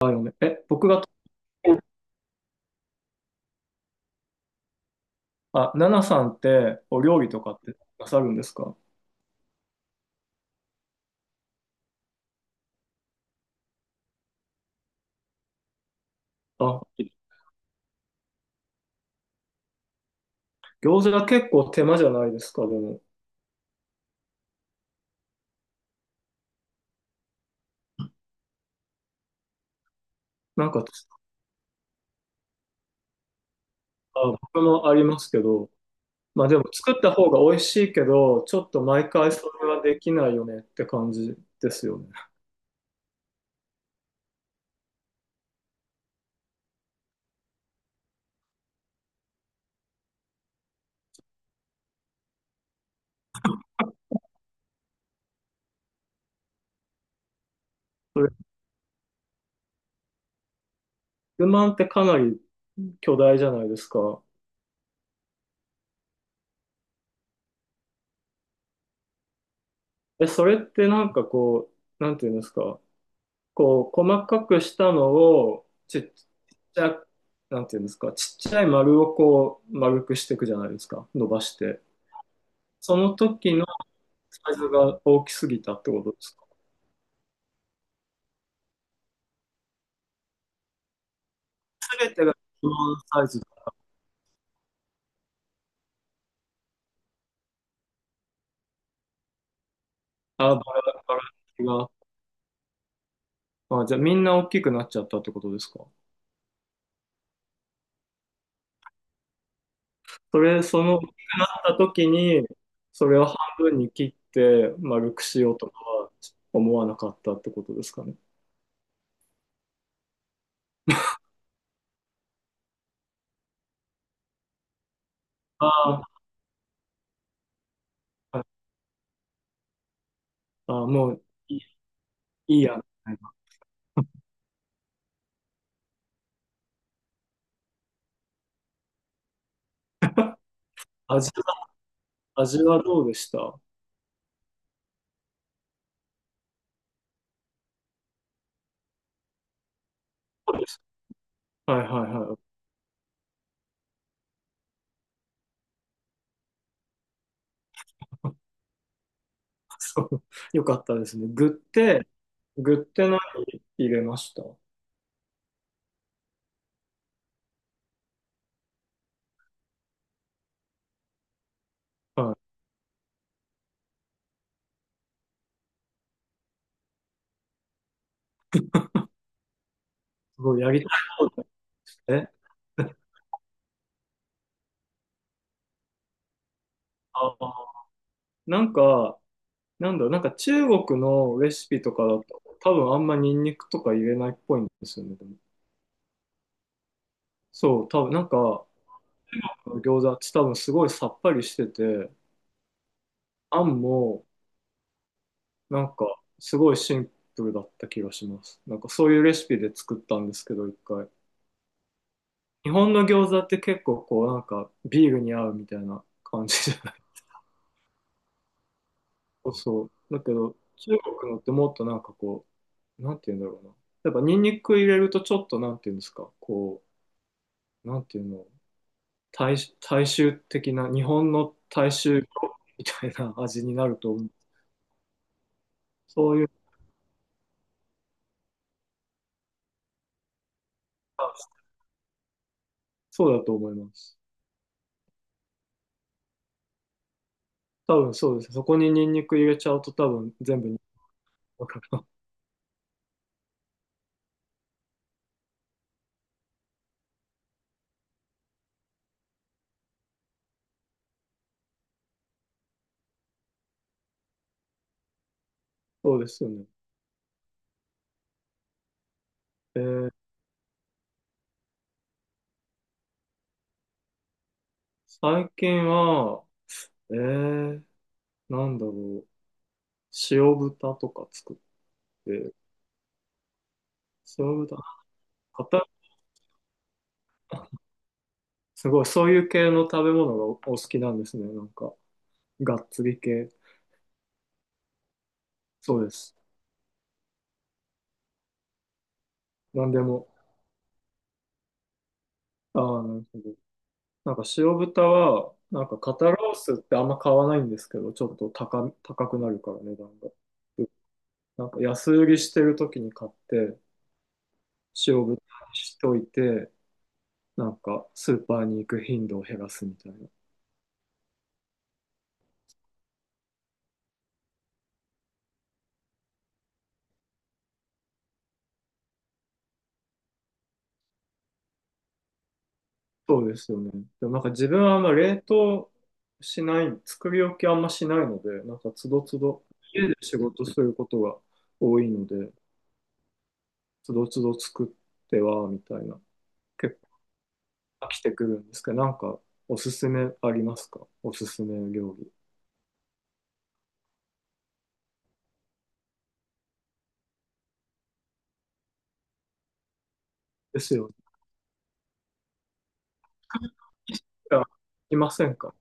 あ、嫁。あ、ナナさんってお料理とかってなさるんですか？あ、餃子が結構手間じゃないですか、でも。なんか、あ、僕もありますけど、まあでも作った方が美味しいけど、ちょっと毎回それはできないよねって感じですよね。それ、不満ってかなり巨大じゃないですか。それってなんかこう、なんていうんですか、こう、細かくしたのを、ちっちゃ、なんていうんですか、ちっちゃい丸をこう、丸くしていくじゃないですか、伸ばして。その時のサイズが大きすぎたってことですか？すべてが基本サイズ。あ、バラバラが。あ、じゃあみんな大きくなっちゃったってことですか？その大きくなった時に、それを半分に切って丸くしようとかは思わなかったってことですかね。あー、あ、もういい、いいや。みたいな、味味はどうでした？そうです、はいはいはい。そう、よかったですね。具って何入れました？はい。すごいやりたいですね。ああ。なんか、なんだろう、なんか中国のレシピとかだと、多分あんまニンニクとか入れないっぽいんですよね。でもそう、多分なんか、餃子って多分すごいさっぱりしてて、あんもなんかすごいシンプルだった気がします。なんかそういうレシピで作ったんですけど、一回。日本の餃子って結構こうなんかビールに合うみたいな感じじゃない？ そうそう。だけど中国のってもっとなんかこう、なんて言うんだろうな。やっぱニンニク入れるとちょっとなんて言うんですか、こう、なんていうの、大、大衆的な、日本の大衆みたいな味になると思う。そういう、あ、そうだと思います。多分そうです。そこにニンニク入れちゃうと多分全部ニンニクかかる。そうですよね。えー最近は、えー、なんだろう。塩豚とか作って、塩豚、硬すごい、そういう系の食べ物がお好きなんですね。なんか、がっつり系。そうです。なんでも。ああ、なるほど。なんか塩豚は、なんか肩ロースってあんま買わないんですけど、ちょっと高くなるから値段が。なんか安売りしてる時に買って、塩豚にしといて、なんかスーパーに行く頻度を減らすみたいな。そうですよね。でもなんか自分はあんま冷凍しない、作り置きあんましないので、なんかつどつど、家で仕事することが多いので、つどつど作ってはみたいな、結構飽きてくるんですけど、なんかおすすめありますか？おすすめ料理。ですよね。あいませんか？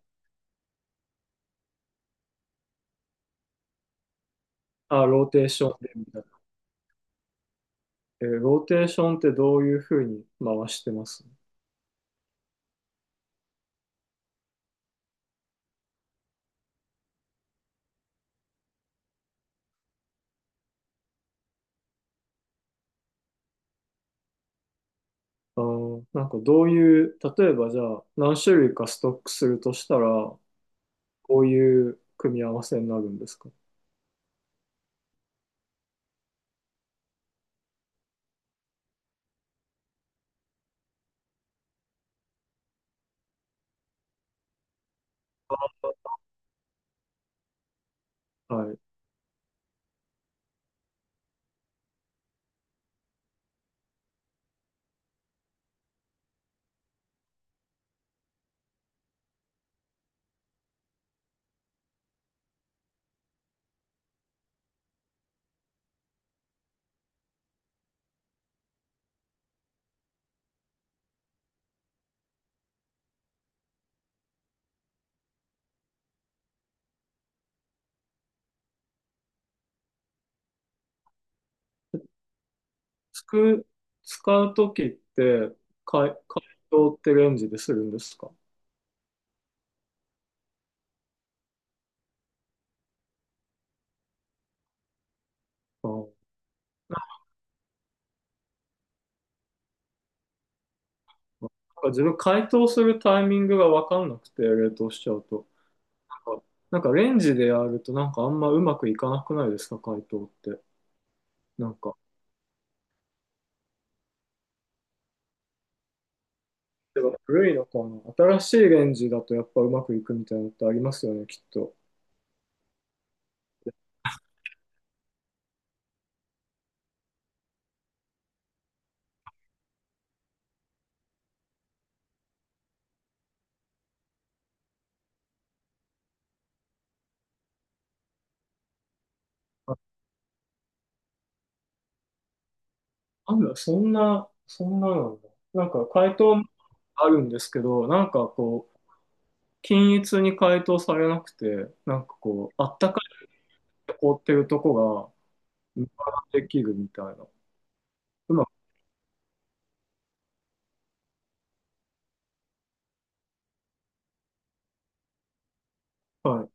あ、ローテーションでみたいな。ローテーションってどういうふうに回してます？あー、なんかどういう、例えばじゃあ何種類かストックするとしたら、こういう組み合わせになるんですか？はい。つく、使うときって、解凍ってレンジでするんですか？あーなんか自分、解凍するタイミングが分かんなくて、冷凍しちゃうと。なんか、なんか、レンジでやるとなんかあんまうまくいかなくないですか？解凍って。なんか。でも古いのかな、新しいレンジだとやっぱうまくいくみたいなのってありますよね、きっと。あんだ、そんななんだ。なんか解凍もあるんですけど、なんかこう、均一に解凍されなくて、なんかこう、あったかいと凍ってるとこが、無駄できるみたいな。うまく、はい。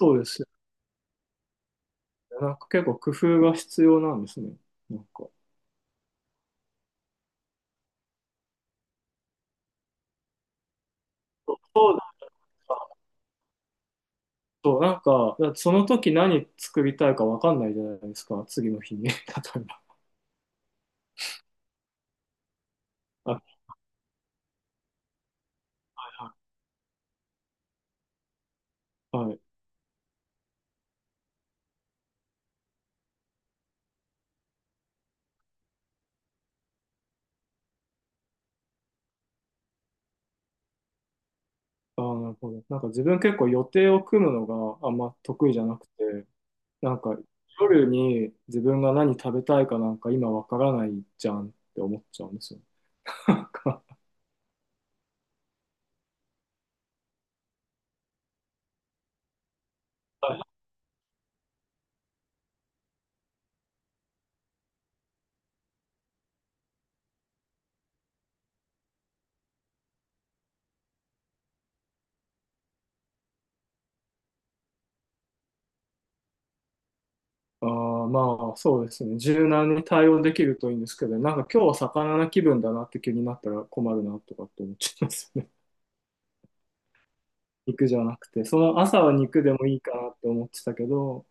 そうですよね。なんか結構工夫が必要なんですね。なんか。そうだと、なんか、だってその時何作りたいかわかんないじゃないですか。次の日に。例えば。あ、はい。あー、なるほど。なんか自分、結構予定を組むのがあんま得意じゃなくて、なんか夜に自分が何食べたいかなんか今わからないじゃんって思っちゃうんですよ。なんか、あー、まあ、そうですね。柔軟に対応できるといいんですけどね、なんか今日は魚な気分だなって気になったら困るなとかって思っちゃいますよね。肉じゃなくて、その朝は肉でもいいかなって思ってたけど、